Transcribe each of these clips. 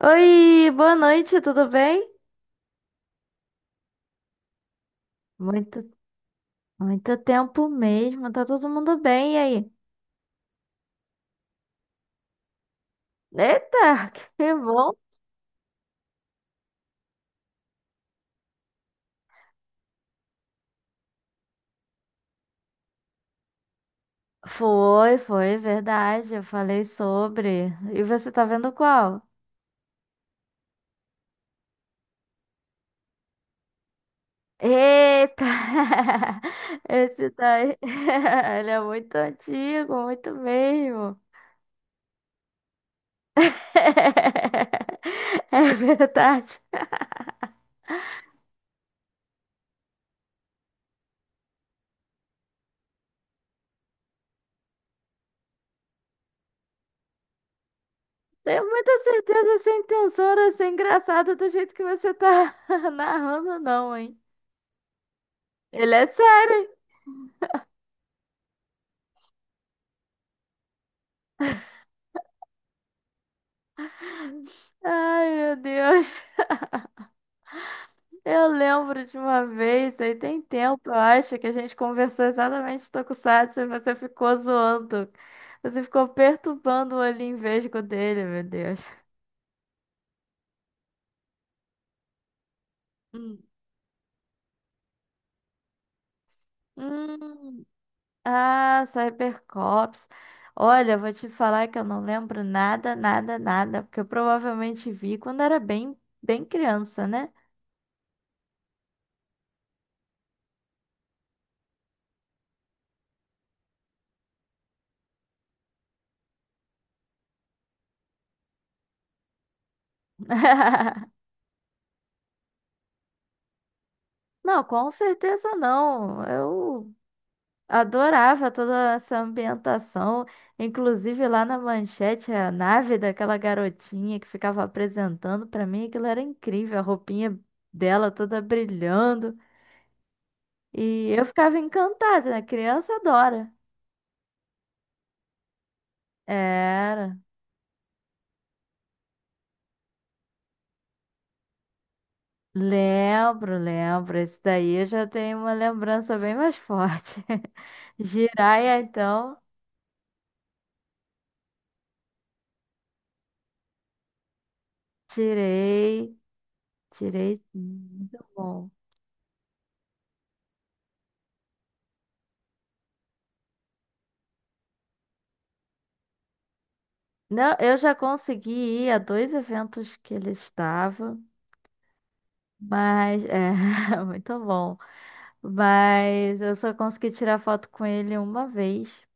Oi, boa noite, tudo bem? Muito, muito tempo mesmo, tá todo mundo bem, e aí? Eita, que bom! Foi, verdade, eu falei sobre. E você tá vendo qual? Eita! Esse daí, ele é muito antigo, muito mesmo. É verdade. Tenho muita certeza sem tesoura, sem engraçado do jeito que você tá narrando, não, hein? Ele é sério. Ai, meu Deus. Eu lembro de uma vez, aí tem tempo, eu acho, que a gente conversou exatamente de Tokusatsu e você ficou zoando. Você ficou perturbando o olhinho vesgo dele, meu Deus. Hum. Hum. Ah, Cybercops. Olha, eu vou te falar que eu não lembro nada, nada, nada, porque eu provavelmente vi quando era bem, bem criança, né? Não, com certeza não. Eu adorava toda essa ambientação, inclusive lá na manchete, a nave daquela garotinha que ficava apresentando pra mim, aquilo era incrível, a roupinha dela toda brilhando. E eu ficava encantada, né? Criança adora. Era. Lembro, lembro. Esse daí eu já tenho uma lembrança bem mais forte. Jiraya, então, tirei, tirei. Sim. Muito bom. Não, eu já consegui ir a dois eventos que ele estava, mas é muito bom. Mas eu só consegui tirar foto com ele uma vez.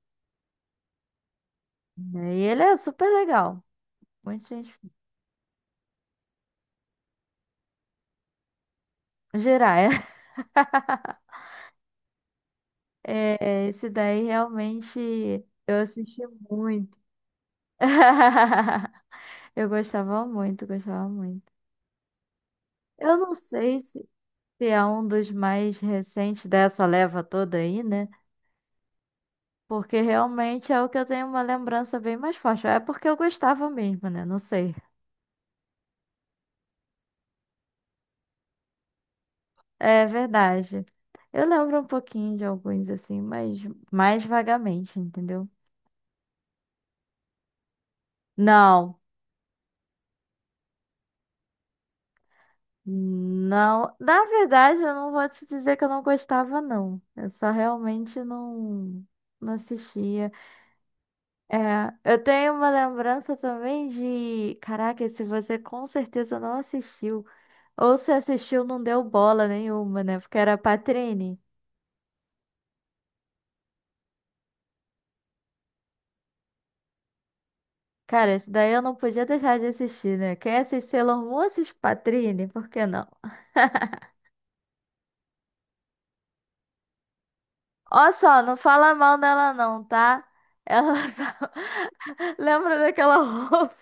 Né? E ele é super legal. Muita gente. Jiraya. É, esse daí realmente eu assisti muito. Eu gostava muito, gostava muito. Eu não sei se é um dos mais recentes dessa leva toda aí, né? Porque realmente é o que eu tenho uma lembrança bem mais forte. É porque eu gostava mesmo, né? Não sei. É verdade. Eu lembro um pouquinho de alguns assim, mas mais vagamente, entendeu? Não. Não. Na verdade, eu não vou te dizer que eu não gostava, não. Eu só realmente não assistia. É, eu tenho uma lembrança também de. Caraca, se você com certeza não assistiu. Ou se assistiu, não deu bola nenhuma, né? Porque era Patrine. Cara, esse daí eu não podia deixar de assistir, né? Quem assiste Sailor Moon assiste Patrine, por que não? Ó só, não fala mal dela não, tá? Ela só... Lembra daquela roupa?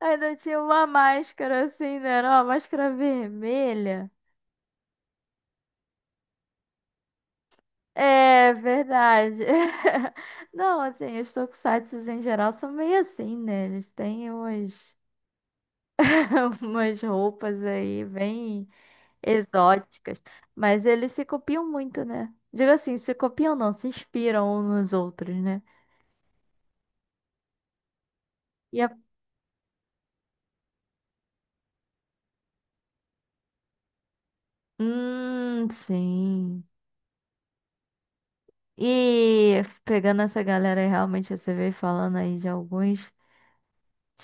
Ainda tinha uma máscara assim, né? Era uma máscara vermelha. É verdade. Não, assim, os tokusatsus em geral são meio assim, né? Eles têm umas, umas roupas aí, bem exóticas, mas eles se copiam muito, né? Digo assim, se copiam não, se inspiram uns nos outros, né? E a... sim. E pegando essa galera aí, realmente você veio falando aí de alguns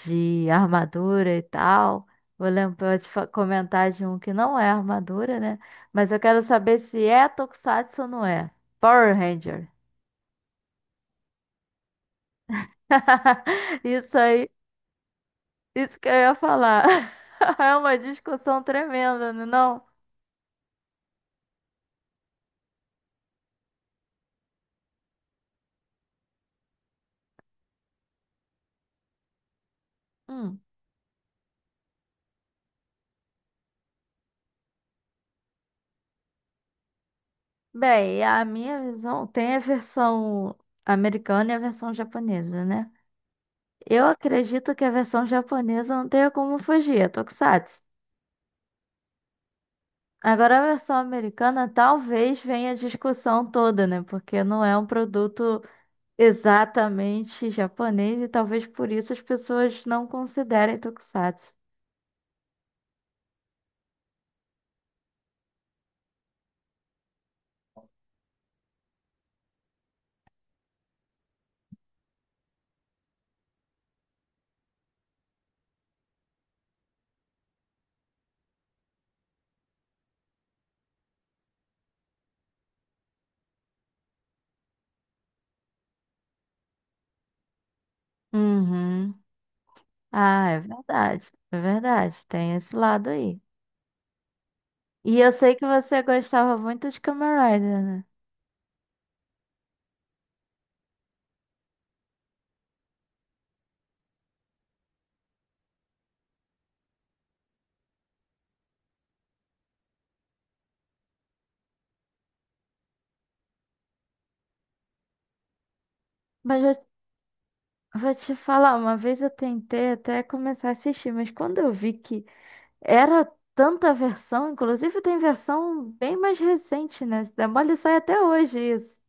de armadura e tal. Vou lembrar de comentar de um que não é armadura, né? Mas eu quero saber se é Tokusatsu ou não é. Power Ranger. Isso aí, isso que eu ia falar. É uma discussão tremenda, não? É não? Hum. Bem, a minha visão tem a versão americana e a versão japonesa, né? Eu acredito que a versão japonesa não tenha como fugir, é tokusatsu. Agora, a versão americana talvez venha a discussão toda, né? Porque não é um produto exatamente japonês e talvez por isso as pessoas não considerem tokusatsu. Uhum. Ah, é verdade. É verdade. Tem esse lado aí. E eu sei que você gostava muito de Kamen Rider, né? Mas eu vou te falar, uma vez eu tentei até começar a assistir, mas quando eu vi que era tanta versão, inclusive tem versão bem mais recente, né? Se der mole, sai até hoje isso.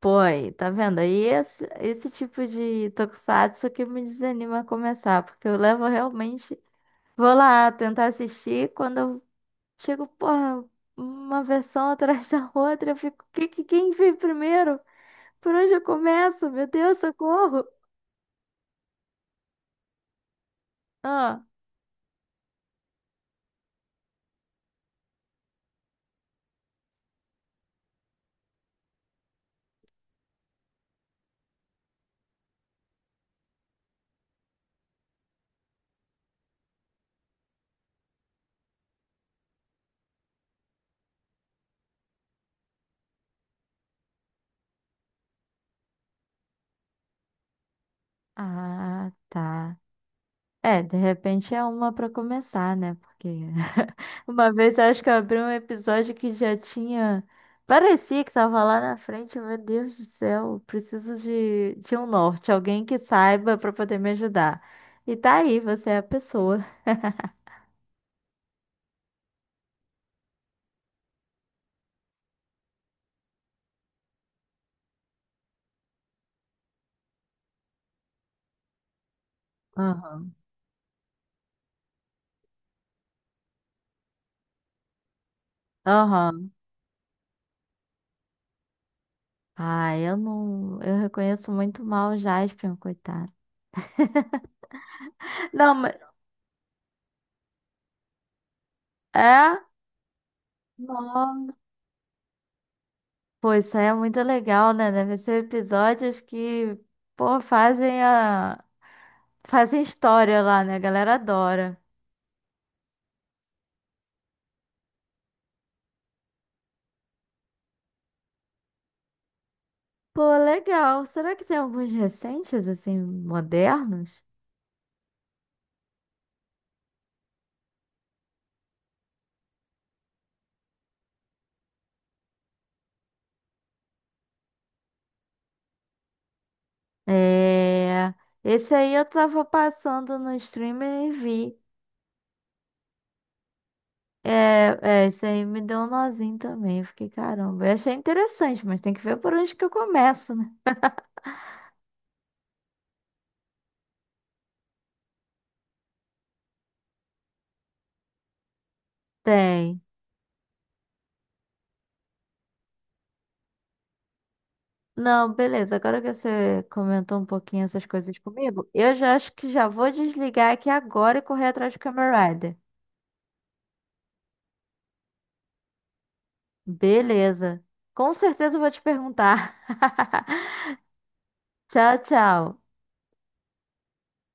Pô, aí, tá vendo? Aí esse tipo de tokusatsu que me desanima a começar, porque eu levo realmente. Vou lá tentar assistir, quando eu chego, porra, uma versão atrás da outra, eu fico, quem veio primeiro? Por onde eu começo? Meu Deus, socorro! Ah. Ah, tá. É, de repente é uma pra começar, né? Porque uma vez eu acho que eu abri um episódio que já tinha. Parecia que tava lá na frente, meu Deus do céu, preciso de um norte, alguém que saiba pra poder me ajudar. E tá aí, você é a pessoa. Aham. Aham. Ah, eu não. Eu reconheço muito mal o Jaspion, coitado. Não, mas. É? Nossa. Pô, isso aí é muito legal, né? Deve ser episódios que, pô, fazem a... fazem história lá, né? A galera adora. Pô, legal. Será que tem alguns recentes, assim, modernos? É... Esse aí eu tava passando no streamer e vi. É, é, esse aí me deu um nozinho também. Eu fiquei, caramba, eu achei interessante, mas tem que ver por onde que eu começo, né? Tem. Não, beleza. Agora que você comentou um pouquinho essas coisas comigo, eu já acho que já vou desligar aqui agora e correr atrás do Kamen Rider. Beleza. Com certeza eu vou te perguntar. Tchau, tchau.